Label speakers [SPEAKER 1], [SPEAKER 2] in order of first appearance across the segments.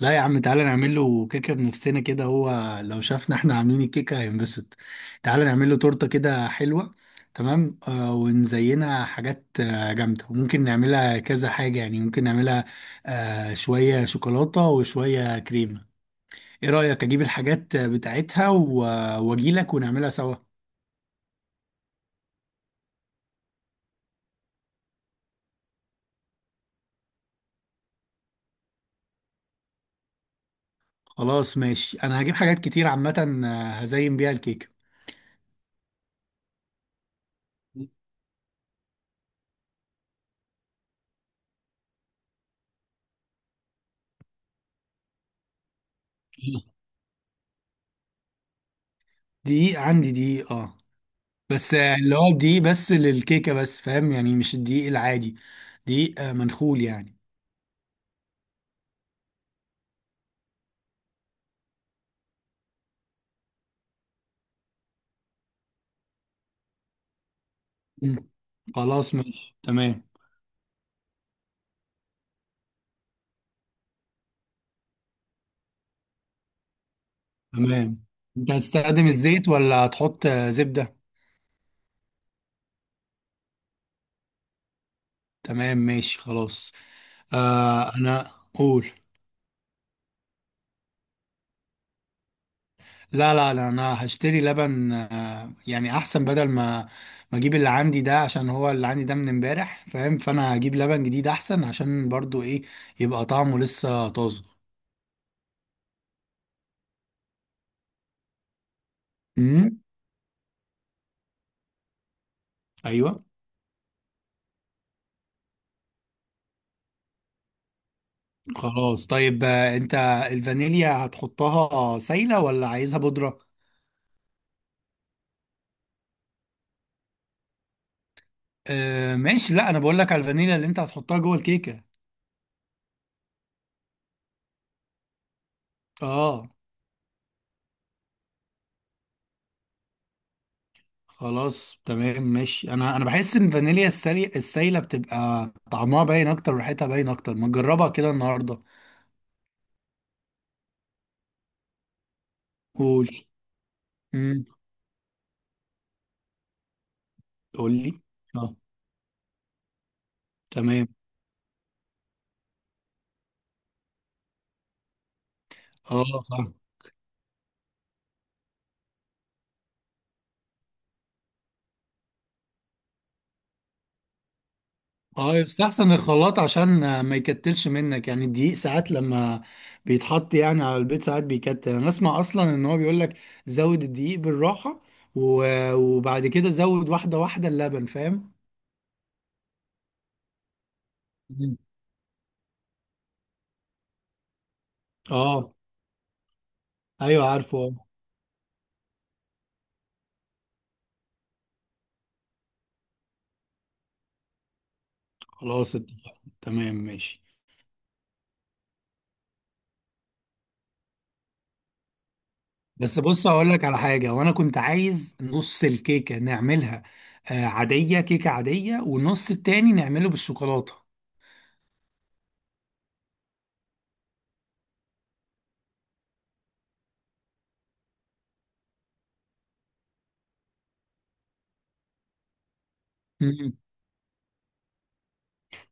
[SPEAKER 1] لا يا عم، تعالى نعمل له كيكه بنفسنا كده. هو لو شافنا احنا عاملين الكيكه هينبسط. تعالى نعمل له تورته كده حلوه. تمام، ونزينها حاجات جامده، وممكن نعملها كذا حاجه، يعني ممكن نعملها شويه شوكولاته وشويه كريمه. ايه رايك اجيب الحاجات بتاعتها واجيلك ونعملها سوا. خلاص، ماشي. انا هجيب حاجات كتير عامه، هزين بيها الكيكه. دقيق، عندي دقيق، اه. بس اللي هو الدقيق بس للكيكة، بس فاهم يعني مش الدقيق العادي. دقيق منخول يعني. مم. خلاص، ماشي، تمام. تمام. انت هتستخدم الزيت ولا هتحط زبدة؟ تمام، ماشي، خلاص. انا قول. لا لا لا، انا هشتري لبن، يعني احسن، بدل ما ما اجيب اللي عندي ده، عشان هو اللي عندي ده من امبارح، فاهم، فانا هجيب لبن جديد احسن، عشان برضو ايه، يبقى طعمه لسه طازه. امم. ايوه. خلاص، طيب، انت الفانيليا هتحطها سايلة ولا عايزها بودرة؟ آه، ماشي. لا، انا بقول لك على الفانيليا اللي انت هتحطها جوه الكيكة. اه. خلاص، تمام، ماشي. انا بحس ان الفانيليا السايلة بتبقى طعمها باين اكتر وريحتها باين اكتر، ما تجربها كده النهاردة. قول. امم. قول لي. اه. تمام. اه، فاهم. اه، يستحسن الخلاط، عشان ما يكتلش منك، يعني الدقيق ساعات لما بيتحط يعني على البيض ساعات بيكتل. انا اسمع اصلا ان هو بيقول لك زود الدقيق بالراحة، وبعد كده زود واحدة واحدة اللبن، فاهم. مم. اه. ايوه، عارفه، آه. خلاص، اتفقنا، تمام، ماشي. بس بص، هقول لك على حاجة. وانا كنت عايز نص الكيكة نعملها عادية، كيكة عادية، والنص التاني نعمله بالشوكولاتة.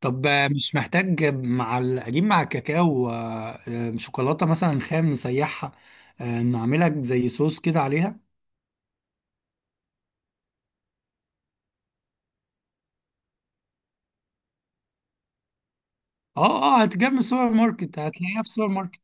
[SPEAKER 1] طب مش محتاج، مع اجيب مع الكاكاو شوكولاته مثلا خام نسيحها، نعملها زي صوص كده عليها. اه، اه، هتجيب من السوبر ماركت، هتلاقيها في السوبر ماركت.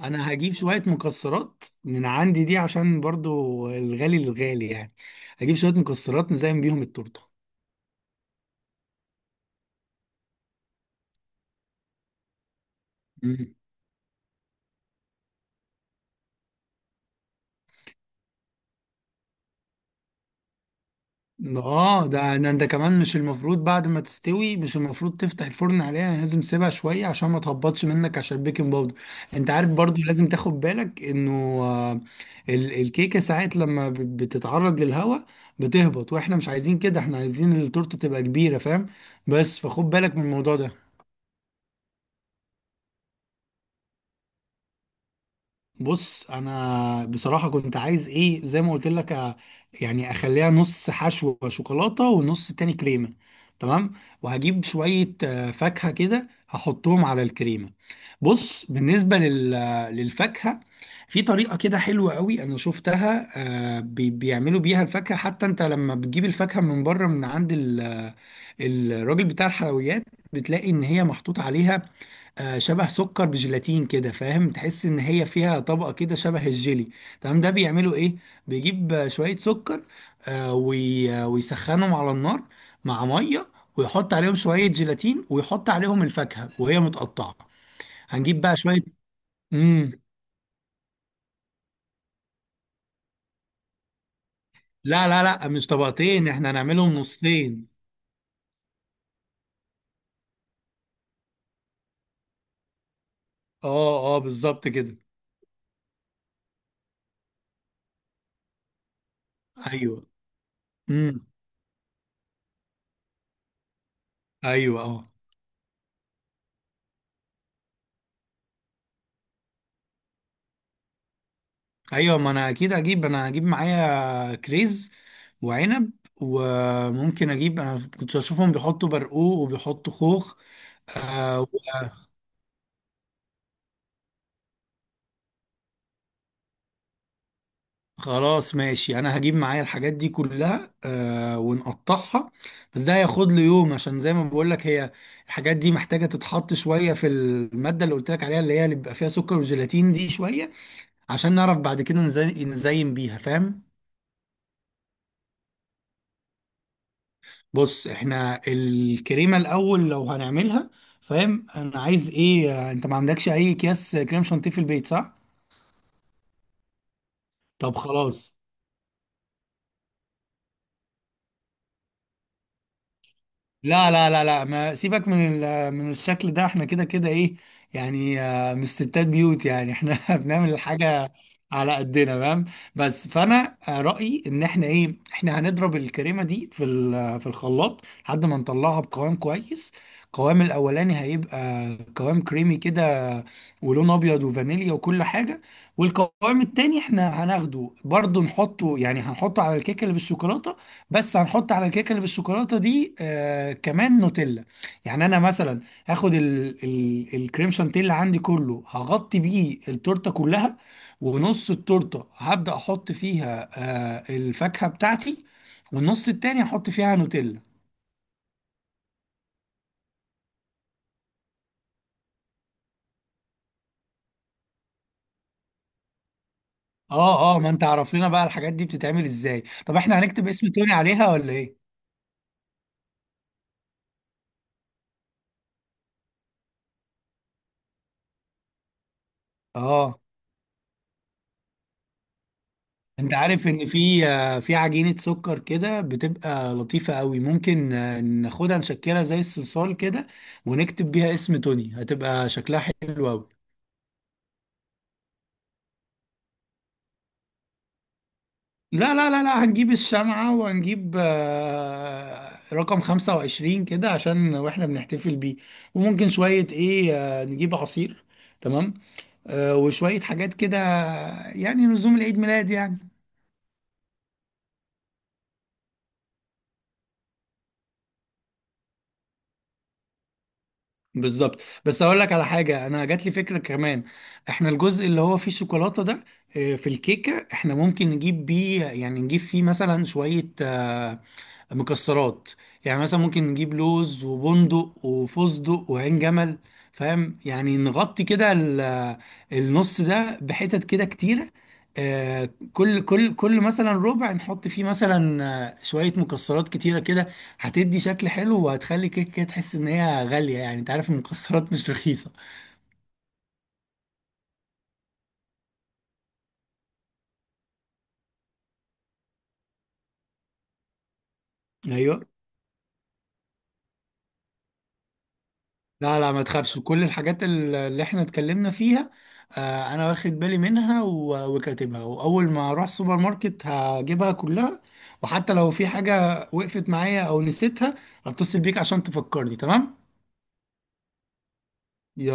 [SPEAKER 1] انا هجيب شويه مكسرات من عندي دي، عشان برضو الغالي للغالي يعني. هجيب شويه مكسرات نزين بيهم التورته. اه، ده انت كمان مش المفروض بعد ما تستوي، مش المفروض تفتح الفرن عليها، يعني لازم تسيبها شويه عشان ما تهبطش منك، عشان البيكنج باودر. انت عارف برضو، لازم تاخد بالك انه آه، الكيكه ساعات لما بتتعرض للهواء بتهبط، واحنا مش عايزين كده، احنا عايزين التورته تبقى كبيره، فاهم. بس فخد بالك من الموضوع ده. بص، انا بصراحه كنت عايز ايه، زي ما قلت لك يعني اخليها نص حشو شوكولاته ونص تاني كريمه. تمام. وهجيب شويه فاكهه كده، هحطهم على الكريمه. بص، بالنسبه للفاكهه، في طريقه كده حلوه قوي انا شفتها. بيعملوا بيها الفاكهه، حتى انت لما بتجيب الفاكهه من بره، من عند الراجل بتاع الحلويات، بتلاقي ان هي محطوط عليها شبه سكر بجيلاتين كده، فاهم، تحس ان هي فيها طبقه كده شبه الجيلي. تمام، ده بيعملوا ايه، بيجيب شويه سكر، ويسخنهم على النار مع ميه، ويحط عليهم شويه جيلاتين، ويحط عليهم الفاكهه وهي متقطعه. هنجيب بقى شويه. امم. لا لا لا، مش طبقتين، احنا هنعملهم نصين. اه، اه، بالظبط كده. ايوه. امم. ايوه، اه. ايوه، ما انا اكيد هجيب. انا هجيب معايا كريز وعنب، وممكن اجيب، انا كنت بشوفهم بيحطوا برقوق وبيحطوا خوخ. آه و- خلاص، ماشي. انا هجيب معايا الحاجات دي كلها، ونقطعها. بس ده هياخد لي يوم، عشان زي ما بقول لك هي الحاجات دي محتاجة تتحط شوية في المادة اللي قلت لك عليها، اللي هي اللي بيبقى فيها سكر وجيلاتين دي، شوية عشان نعرف بعد كده نزين بيها، فاهم. بص، احنا الكريمه الاول لو هنعملها، فاهم، انا عايز ايه، انت ما عندكش اي اكياس كريم شانتيه في البيت، صح؟ طب خلاص. لا لا لا لا، ما سيبك من من الشكل ده، احنا كده كده ايه، يعني مش ستات بيوت يعني. احنا بنعمل الحاجة على قدنا، فاهم. بس فانا رأيي ان احنا ايه، احنا هنضرب الكريمة دي في في الخلاط لحد ما نطلعها بقوام كويس. القوام الاولاني هيبقى قوام كريمي كده، ولون ابيض، وفانيليا، وكل حاجة. والقوام التاني احنا هناخده برضو نحطه، يعني هنحطه على الكيكة اللي بالشوكولاتة. بس هنحط على الكيكه اللي بالشوكولاته دي كمان نوتيلا. يعني انا مثلا هاخد ال ال الكريم شانتيه عندي كله، هغطي بيه التورته كلها، ونص التورته هبدا احط فيها الفاكهه بتاعتي، والنص التاني هحط فيها نوتيلا. اه، اه، ما انت عرف لنا بقى الحاجات دي بتتعمل ازاي. طب احنا هنكتب اسم توني عليها، ولا ايه؟ اه، انت عارف ان في في عجينة سكر كده بتبقى لطيفة قوي، ممكن ناخدها نشكلها زي الصلصال كده، ونكتب بيها اسم توني، هتبقى شكلها حلو قوي. لا لا لا لا، هنجيب الشمعة، وهنجيب رقم 25 كده عشان واحنا بنحتفل بيه. وممكن شوية ايه نجيب عصير. تمام. وشوية حاجات كده، يعني نزوم العيد ميلاد يعني. بالظبط. بس اقول لك على حاجه، انا جات لي فكره كمان. احنا الجزء اللي هو فيه شوكولاته ده، في الكيكه احنا ممكن نجيب بيه، يعني نجيب فيه مثلا شويه مكسرات، يعني مثلا ممكن نجيب لوز وبندق وفستق وعين جمل، فاهم، يعني نغطي كده النص ده بحتت كده كتيره. كل مثلا ربع نحط فيه مثلا شويه مكسرات كتيره كده، هتدي شكل حلو، وهتخلي كيك كده تحس ان هي غاليه، يعني انت عارف ان المكسرات مش رخيصه. ايوه. لا، لا، ما تخافش، كل الحاجات اللي احنا اتكلمنا فيها انا واخد بالي منها، وكاتبها، واول ما اروح السوبر ماركت هجيبها كلها. وحتى لو في حاجه وقفت معايا او نسيتها، هتصل بيك عشان تفكرني، تمام.